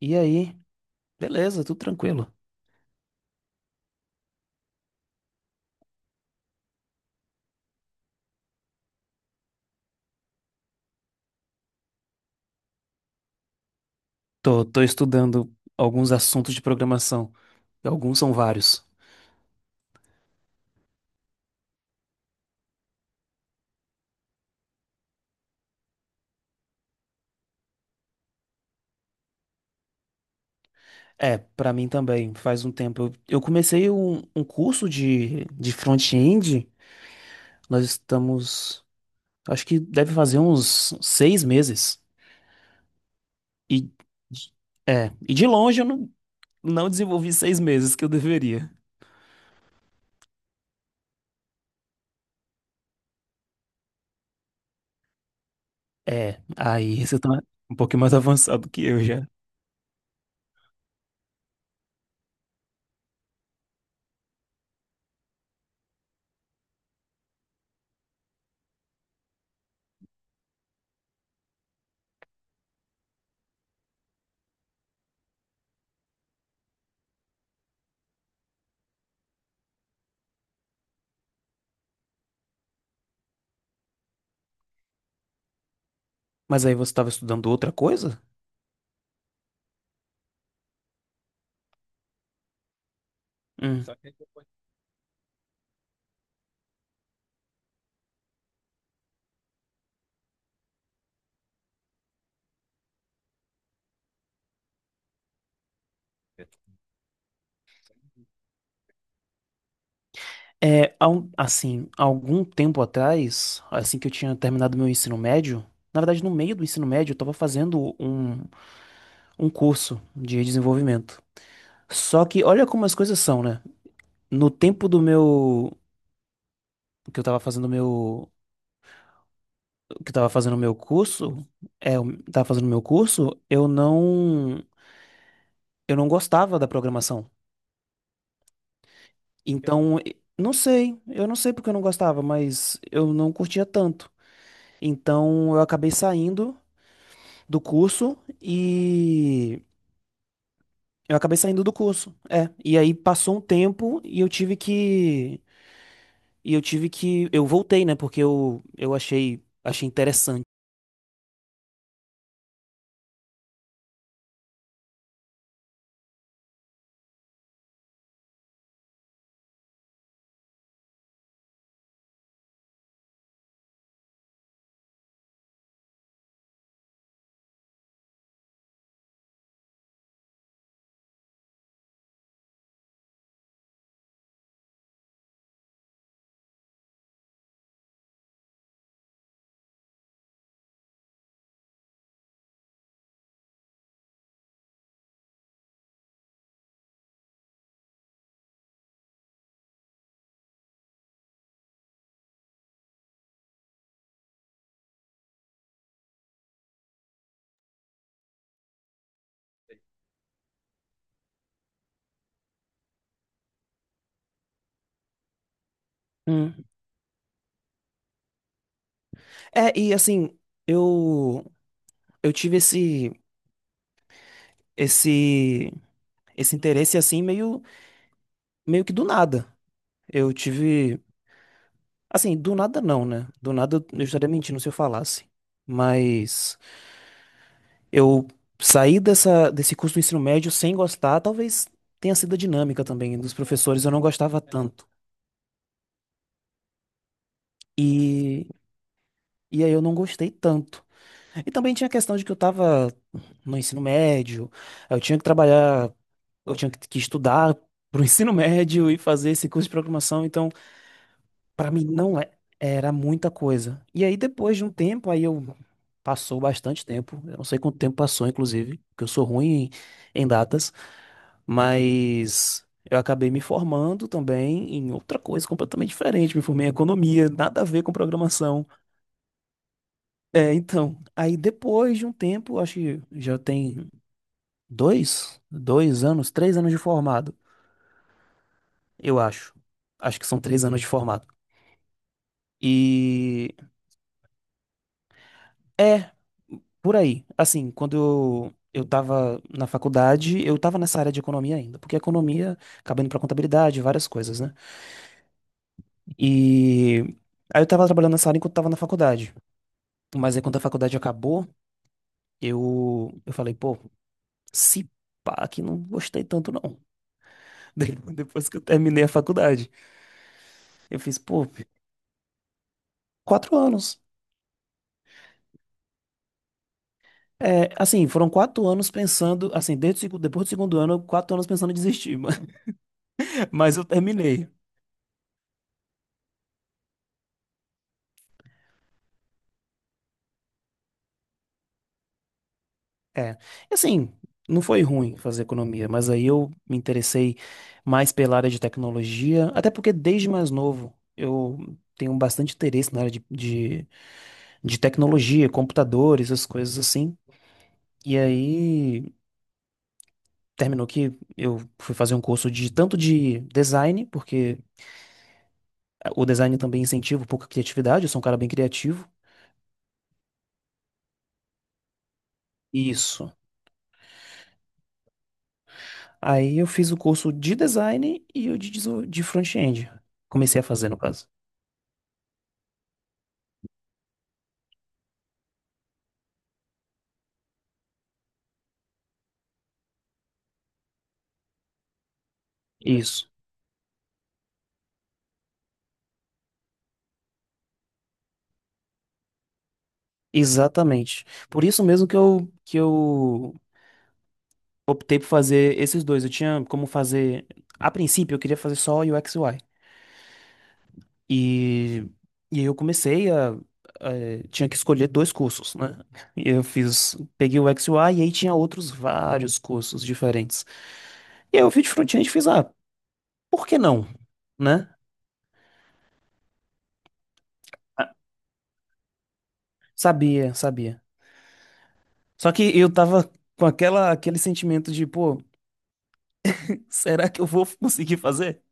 E aí? Beleza, tudo tranquilo. Tô estudando alguns assuntos de programação. E alguns são vários. É, pra mim também, faz um tempo. Eu comecei um curso de front-end. Nós estamos. Acho que deve fazer uns 6 meses. E, e de longe eu não desenvolvi 6 meses que eu deveria. É, aí você tá um pouquinho mais avançado que eu já. Mas aí você estava estudando outra coisa? Hum. É, assim, há algum tempo atrás, assim que eu tinha terminado meu ensino médio, na verdade, no meio do ensino médio, eu estava fazendo um curso de desenvolvimento. Só que olha como as coisas são, né? No tempo do meu que eu estava fazendo meu que eu tava fazendo meu curso, eu não gostava da programação. Então, não sei, eu não sei porque eu não gostava, mas eu não curtia tanto. Então, eu acabei saindo do curso e. É, e aí passou um tempo e eu tive que e eu tive que eu voltei, né, porque eu achei interessante. Hum. É, e assim, eu eu tive esse esse interesse assim meio que do nada. Eu tive assim, do nada não, né? Do nada eu estaria mentindo se eu falasse. Mas eu saí desse curso do ensino médio sem gostar, talvez tenha sido a dinâmica também dos professores, eu não gostava tanto. E, e aí eu não gostei tanto. E também tinha a questão de que eu estava no ensino médio, eu tinha que trabalhar, eu tinha que estudar para o ensino médio e fazer esse curso de programação, então para mim não é- era muita coisa. E aí depois de um tempo, aí eu passou bastante tempo, eu não sei quanto tempo passou, inclusive, porque eu sou ruim em datas. Mas eu acabei me formando também em outra coisa completamente diferente. Me formei em economia, nada a ver com programação. É, então, aí depois de um tempo, acho que já tem 2 anos, 3 anos de formado, eu acho. Acho que são 3 anos de formado. E é, por aí. Assim, quando eu tava na faculdade, eu tava nessa área de economia ainda, porque economia acaba indo pra contabilidade, várias coisas, né? E aí eu tava trabalhando nessa área enquanto tava na faculdade. Mas aí quando a faculdade acabou, eu falei, pô, se pá, que não gostei tanto não. Depois que eu terminei a faculdade. Eu fiz, pô, 4 anos. É, assim, foram 4 anos pensando, assim, desde, depois do segundo ano, 4 anos pensando em desistir. Mas eu terminei. É, assim, não foi ruim fazer economia, mas aí eu me interessei mais pela área de tecnologia, até porque desde mais novo eu tenho bastante interesse na área de tecnologia, computadores, essas coisas assim. E aí terminou que eu fui fazer um curso de tanto de design, porque o design também incentiva pouca criatividade, eu sou um cara bem criativo. Isso. Aí eu fiz o curso de design e o de, de front-end. Comecei a fazer, no caso. Isso. Exatamente. Por isso mesmo que que eu optei por fazer esses dois. Eu tinha como fazer. A princípio, eu queria fazer só UX e UI. E, e aí eu comecei a- Tinha que escolher dois cursos, né? E eu fiz. Peguei o UX e UI e aí tinha outros vários cursos diferentes. E aí eu fiz de front-end e fiz, ah, por que não? Né? Sabia, sabia. Só que eu tava com aquele sentimento de, pô, será que eu vou conseguir fazer?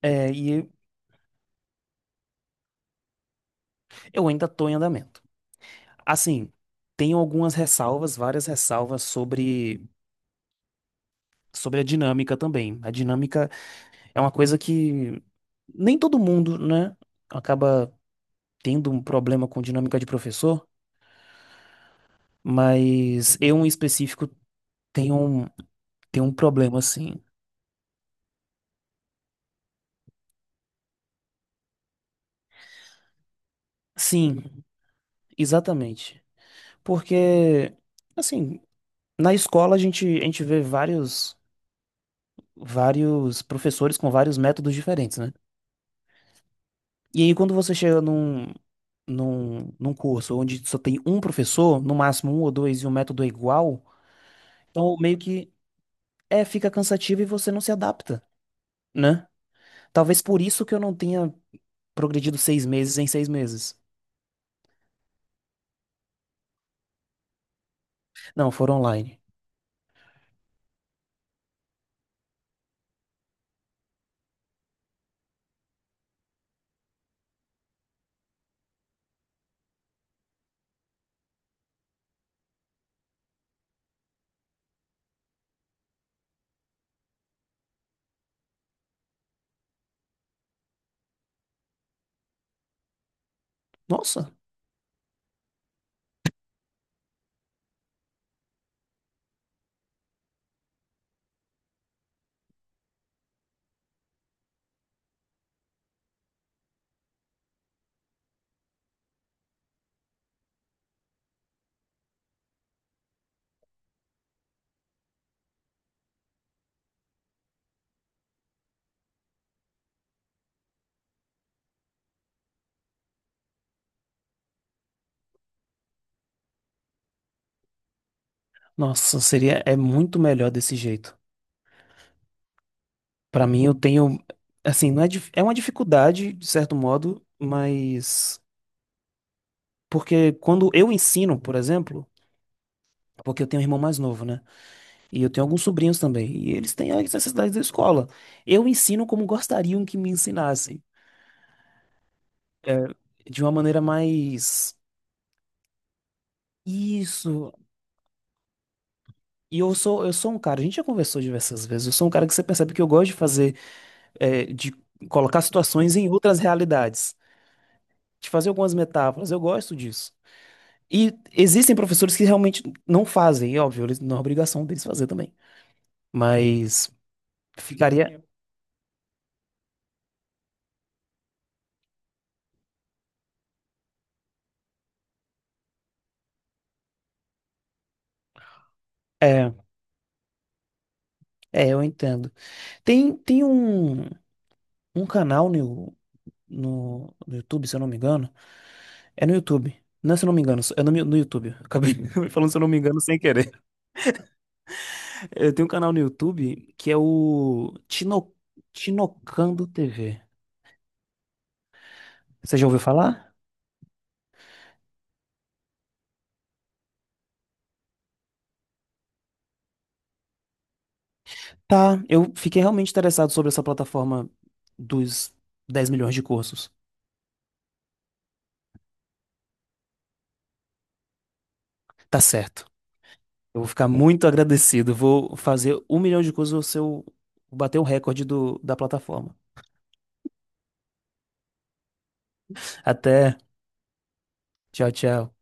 É. Eu ainda estou em andamento. Assim, tenho algumas ressalvas, várias ressalvas sobre a dinâmica também. A dinâmica é uma coisa que nem todo mundo, né, acaba tendo um problema com dinâmica de professor, mas eu em específico tenho um, tenho um problema assim. Sim, exatamente. Porque, assim, na escola a gente vê vários professores com vários métodos diferentes, né? E aí, quando você chega num curso onde só tem um professor, no máximo um ou dois, e o método é igual, então meio que fica cansativo e você não se adapta, né? Talvez por isso que eu não tenha progredido 6 meses em 6 meses. Não, foram online. Nossa, nossa, seria, é muito melhor desse jeito. Pra mim, eu tenho, assim, não é, é uma dificuldade, de certo modo, mas porque quando eu ensino, por exemplo, porque eu tenho um irmão mais novo, né? E eu tenho alguns sobrinhos também, e eles têm as necessidades da escola. Eu ensino como gostariam que me ensinassem, é, de uma maneira mais. Isso. E eu sou, um cara, a gente já conversou diversas vezes, eu sou um cara que você percebe que eu gosto de fazer, de colocar situações em outras realidades, de fazer algumas metáforas, eu gosto disso. E existem professores que realmente não fazem, e óbvio, eles, não é obrigação deles fazer também. Mas ficaria. É, é, eu entendo. Tem um canal no YouTube, se eu não me engano. É no YouTube. Não, é, se eu não me engano, é no YouTube. Acabei falando, se eu não me engano, sem querer. É, tem um canal no YouTube que é o Tino, Tinocando TV. Você já ouviu falar? Tá, eu fiquei realmente interessado sobre essa plataforma dos 10 milhões de cursos. Tá certo. Eu vou ficar muito agradecido. Vou fazer um milhão de coisas, você bater o recorde da plataforma. Até. Tchau, tchau.